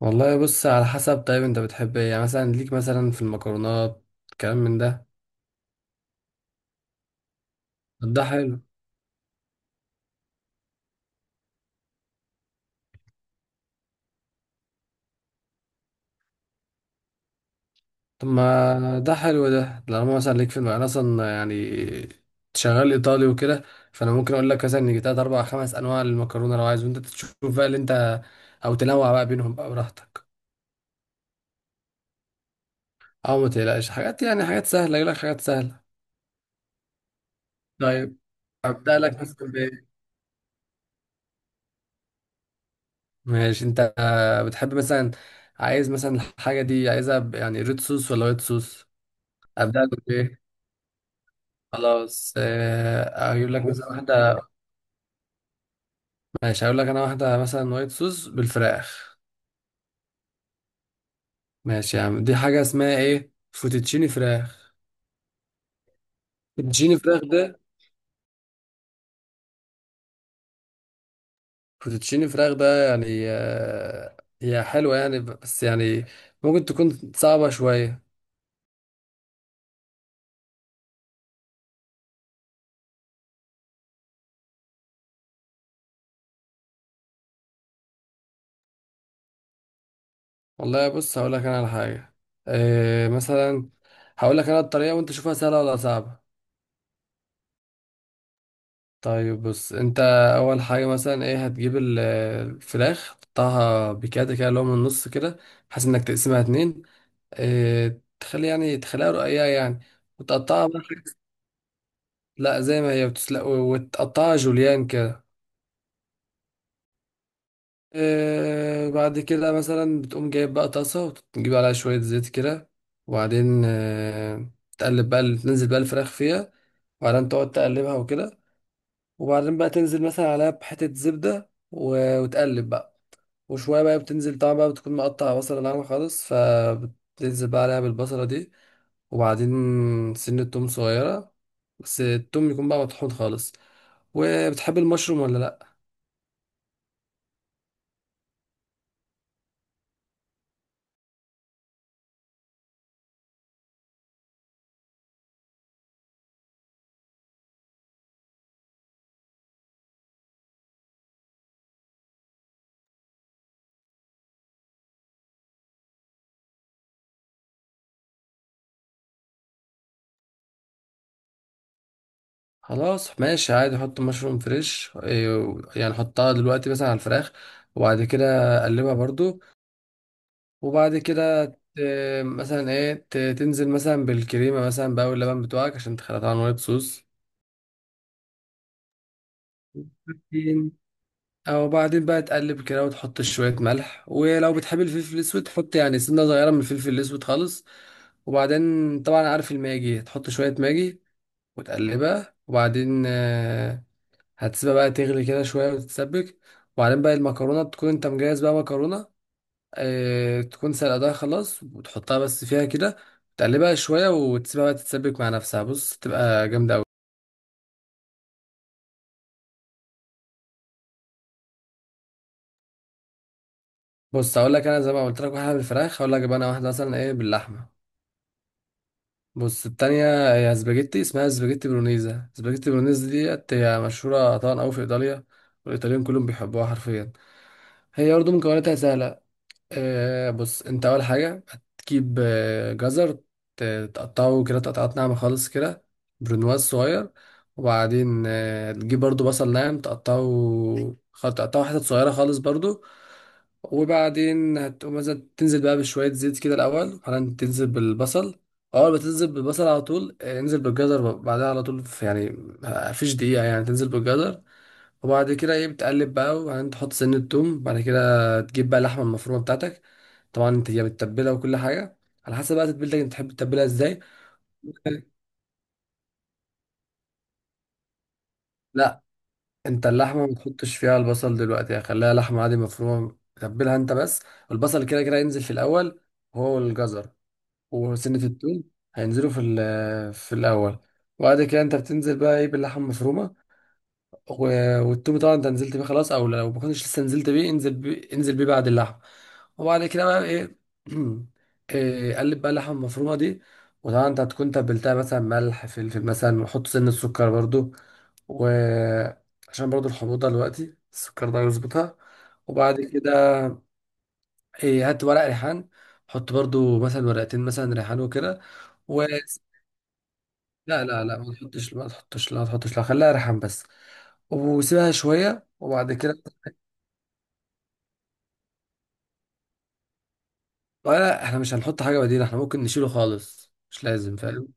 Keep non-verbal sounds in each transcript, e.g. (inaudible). والله بص على حسب. طيب انت بتحب ايه يعني، مثلا ليك مثلا في المكرونات كلام من ده؟ طب ده حلو. طب ما ده حلو. ده لما مثلا ليك انا اصلا يعني شغال ايطالي وكده. فانا ممكن اقول لك مثلا ان تلات اربع خمس انواع للمكرونه لو عايز، وانت تشوف بقى اللي انت، او تنوع بقى بينهم بقى براحتك. او ما تقلقش حاجات، يعني حاجات سهله، اجيب لك حاجات سهله. طيب ابدا لك مثلا بايه؟ ماشي. انت بتحب مثلا، عايز مثلا الحاجه دي عايزها ب- يعني ريد صوص ولا وايت صوص؟ ابدا لك بايه؟ خلاص اقول لك مثلا واحده. ماشي، هقول لك انا واحده مثلا وايت صوص بالفراخ. ماشي يا عم، دي حاجه اسمها ايه، فوتوتشيني فراخ. فوتوتشيني فراخ ده، فوتوتشيني فراخ ده يعني هي حلوه يعني، بس يعني ممكن تكون صعبه شويه. والله بص، هقول لك انا على حاجه. مثلا هقول لك انا الطريقه وانت شوفها سهله ولا صعبه. طيب بص انت، اول حاجه مثلا ايه، هتجيب الفراخ تقطعها بكده كده، اللي هو من النص كده، بحيث انك تقسمها اتنين. اه تخلي يعني تخليها رقيقه يعني، وتقطعها بقى لا زي ما هي، وتسلق وتقطعها جوليان كده. اه بعد كده مثلا بتقوم جايب بقى طاسه، وتجيب عليها شويه زيت كده، وبعدين تقلب بقى تنزل بقى الفراخ فيها. وبعدين تقعد تقلبها وكده. وبعدين بقى تنزل مثلا عليها بحته زبده وتقلب بقى. وشوية بقى بتنزل طبعا بقى، بتكون مقطع بصلة ناعمة خالص، فبتنزل بقى عليها بالبصلة دي. وبعدين سنة توم صغيرة، بس التوم يكون بقى مطحون خالص. وبتحب المشروم ولا لأ؟ خلاص ماشي عادي، حط مشروم فريش يعني حطها دلوقتي مثلا على الفراخ. وبعد كده قلبها برضو. وبعد كده مثلا ايه، تنزل مثلا بالكريمة مثلا بقى واللبن بتوعك، عشان تخلطها عن وايت صوص. او بعدين بقى تقلب كده، وتحط شوية ملح، ولو بتحب الفلفل الاسود تحط يعني سنة صغيرة من الفلفل الاسود خالص. وبعدين طبعا عارف الماجي، تحط شوية ماجي وتقلبها. وبعدين هتسيبها بقى تغلي كده شوية وتتسبك. وبعدين بقى المكرونة تكون انت مجهز بقى مكرونة، تكون سلقتها خلاص، وتحطها بس فيها كده، تقلبها شوية، وتسيبها بقى تتسبك مع نفسها. بص تبقى جامدة أوي. بص هقول لك انا، زي ما قلت لك واحدة بالفراخ، هقول لك بقى انا واحدة مثلا ايه باللحمة. بص التانية هي سباجيتي، اسمها سباجيتي برونيزا. سباجيتي برونيزا ديت هي مشهورة طبعا أوي في إيطاليا، والإيطاليين كلهم بيحبوها حرفيا. هي برضه مكوناتها سهلة. بص انت، اول حاجه هتجيب جزر، تقطعه كده تقطعات ناعمه خالص كده، برونواز صغير. وبعدين تجيب برضو بصل ناعم، تقطعه تقطعه حتت صغيره خالص برضو. وبعدين هتقوم مثلا تنزل بقى بشويه زيت كده الاول، وبعدين تنزل بالبصل. اول ما تنزل بالبصل على طول انزل بالجزر بعدها على طول، في يعني مفيش دقيقه يعني تنزل بالجزر. وبعد كده ايه بتقلب بقى، وبعدين تحط سنة توم. بعد كده تجيب بقى اللحمة المفرومة بتاعتك، طبعا انت هي متبلة وكل حاجة، على حسب بقى تتبيلتك انت تحب تتبلها ازاي. لا، انت اللحمة ما تحطش فيها البصل دلوقتي، يعني خليها لحمة عادي مفرومة، تتبلها انت بس. والبصل كده كده ينزل في الأول، هو الجزر وسنة التوم هينزلوا في في الأول. وبعد كده انت بتنزل بقى ايه باللحمة المفرومة. والتومي طبعا انت نزلت بيه خلاص، او لو ما كنتش لسه نزلت بيه، انزل بيه بعد اللحم. وبعد كده بقى ايه (clears throat) قلب بقى اللحمه المفرومه دي. وطبعا انت هتكون تبلتها مثلا ملح فلفل مثلا، وحط سن السكر برضو، وعشان برضو الحموضه دلوقتي السكر ده يظبطها. وبعد كده إيه، هات ورق ريحان، حط برضو مثلا ورقتين مثلا ريحان وكده. و لا لا لا، ما تحطش ما تحطش، لا ما تحطش، لا خليها ريحان بس. وسيبها شويه، وبعد كده ولا. احنا مش هنحط حاجة بديلة، احنا ممكن نشيله خالص، مش لازم، فاهم؟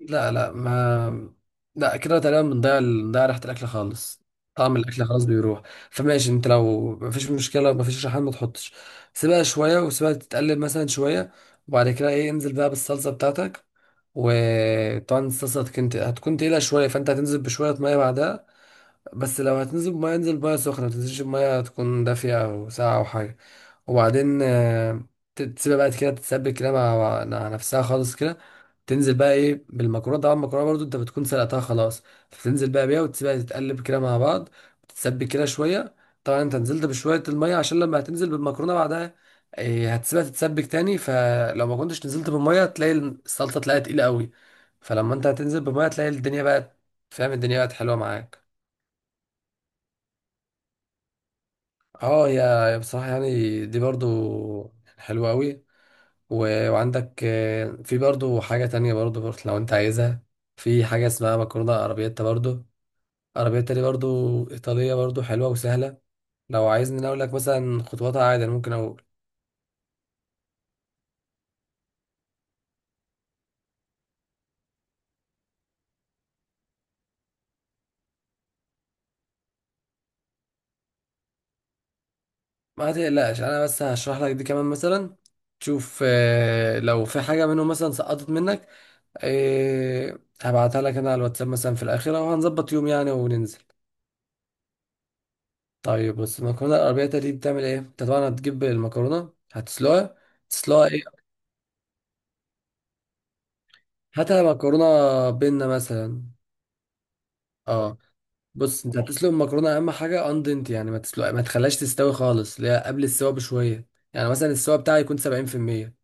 لا لا ما، لا كده تقريبا بنضيع ريحة الأكل خالص، طعم الأكل خلاص بيروح. فماشي انت لو مفيش مشكلة، مفيش ريحان ما تحطش. سيبها شوية، وسيبها تتقلب مثلا شوية، وبعد كده ايه، انزل بقى بالصلصة بتاعتك. وطبعا الصلصة هتكون تقيلة شوية، فانت هتنزل بشوية مية بعدها. بس لو هتنزل بمية، انزل بمية سخنة، متنزلش بمية تكون دافية أو ساقعة أو حاجة. وبعدين تسيبها بقى كده تتسبك كده مع نفسها خالص كده. تنزل بقى ايه بالمكرونة. طبعا المكرونة برضو انت بتكون سلقتها خلاص، فتنزل بقى بيها، وتسيبها تتقلب كده مع بعض، تتسبك كده شوية. طبعا انت نزلت بشوية المية، عشان لما هتنزل بالمكرونة بعدها إيه، هتسيبها تتسبك تاني. فلو ما كنتش نزلت بالمية تلاقي الصلصة تلاقيها تقيلة قوي. فلما انت هتنزل بالمية تلاقي الدنيا بقت، فاهم، الدنيا بقت حلوة معاك. اه يا بصراحة يعني دي برضو حلوة قوي. وعندك في برضو حاجة تانية برضو لو انت عايزها، في حاجة اسمها مكرونة ارابياتا برضو. ارابياتا دي برضو ايطالية، برضو حلوة وسهلة. لو عايزني أنا اقول لك مثلا خطواتها عادي، أنا ممكن اقول. ما تقلقش انا بس هشرح لك دي كمان مثلا، تشوف لو في حاجة منهم مثلا سقطت منك، هبعتها لك انا على الواتساب مثلا في الاخرة، وهنظبط يوم يعني وننزل. طيب بص، المكرونه الاربعية دي بتعمل ايه. انت طبعا هتجيب المكرونه هتسلقها. تسلقها ايه، هاتها مكرونه بينا مثلا. اه بص انت هتسلق المكرونه، اهم حاجه اندنت يعني ما تسلق، ما تخليهاش تستوي خالص، اللي هي قبل السوا بشويه، يعني مثلا السوا بتاعها يكون 70%.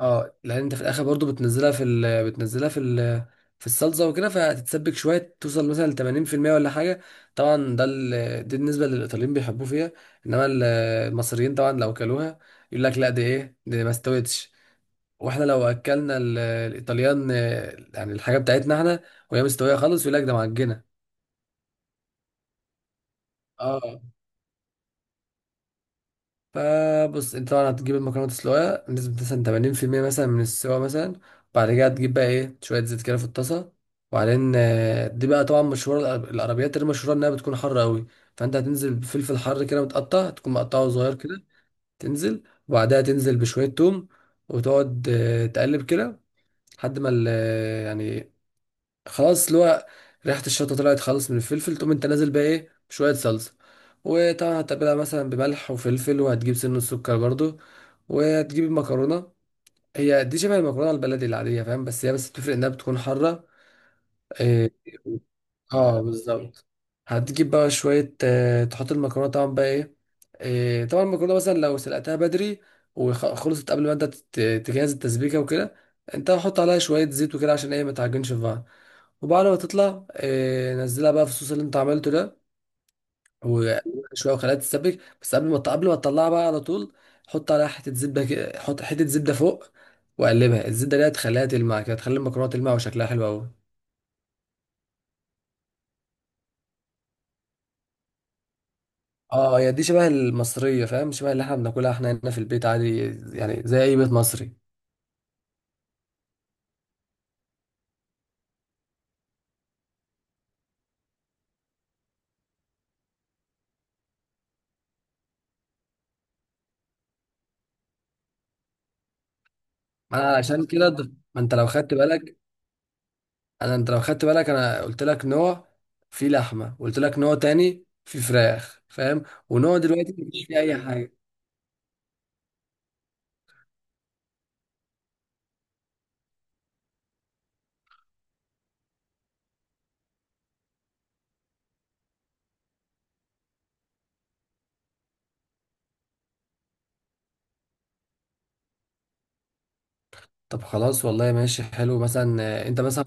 اه لان انت في الاخر برضو بتنزلها في في الصلصه وكده، فهتتسبك شويه، توصل مثلا ل 80% ولا حاجه. طبعا ده دي بالنسبه للايطاليين بيحبوه فيها. انما المصريين طبعا لو كلوها يقول لك لا، دي ايه دي، ما استوتش. واحنا لو اكلنا الايطاليان يعني الحاجه بتاعتنا احنا، وهي مستويه خالص، يقول لك ده معجنه. اه فبص انت طبعا هتجيب المكرونه تسلقها بنسبه مثلا 80% مثلا من السوا مثلا. بعد كده هتجيب بقى ايه شويه زيت كده في الطاسه. وبعدين دي بقى طبعا مشهوره، العربيات اللي مشهوره انها بتكون حاره قوي. فانت هتنزل بفلفل حر كده متقطع، تكون مقطعه صغير كده، تنزل. وبعدها تنزل بشويه توم، وتقعد تقلب كده لحد ما يعني خلاص اللي هو ريحه الشطه طلعت خالص من الفلفل. تقوم انت نازل بقى ايه بشويه صلصه، وطبعا هتتبلها مثلا بملح وفلفل، وهتجيب سن السكر برضو، وهتجيب المكرونه. هي دي شبه المكرونه البلدي العاديه، فاهم، هي بس بتفرق انها بتكون حاره إيه، اه بالظبط. هتجيب بقى شوية تحط المكرونة طبعا بقى ايه. طبعا المكرونة مثلا لو سلقتها بدري، وخلصت قبل ما انت تجهز التسبيكة وكده، انت حط عليها شوية زيت وكده، عشان ايه ما تعجنش في بعض. وبعد ما تطلع نزلها بقى في الصوص اللي انت عملته ده، وقلبها شوية، وخليها تتسبك، بس قبل ما تطلعها بقى على طول، حط عليها حتة زبدة حط حتة زبدة فوق، وقلبها. الزبدة دي هتخليها تلمع كده، هتخلي المكرونة تلمع وشكلها حلو أوي. اه هي دي شبه المصرية، فاهم، شبه اللي احنا بناكلها احنا هنا في البيت عادي، يعني زي اي بيت مصري. ما انا علشان كده ما انت لو خدت بالك، انت لو خدت بالك، انا قلت لك نوع في لحمة، وقلت لك نوع تاني في فراخ، فاهم، ونوع دلوقتي مفيش فيه اي حاجة. طب خلاص والله، ماشي حلو مثلا. انت مثلا،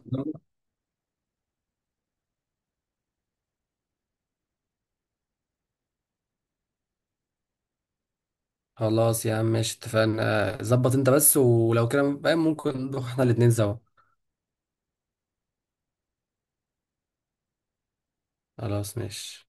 خلاص يا عم ماشي اتفقنا. ظبط انت بس ولو كده فاهم، ممكن نروح احنا الاتنين سوا. خلاص ماشي.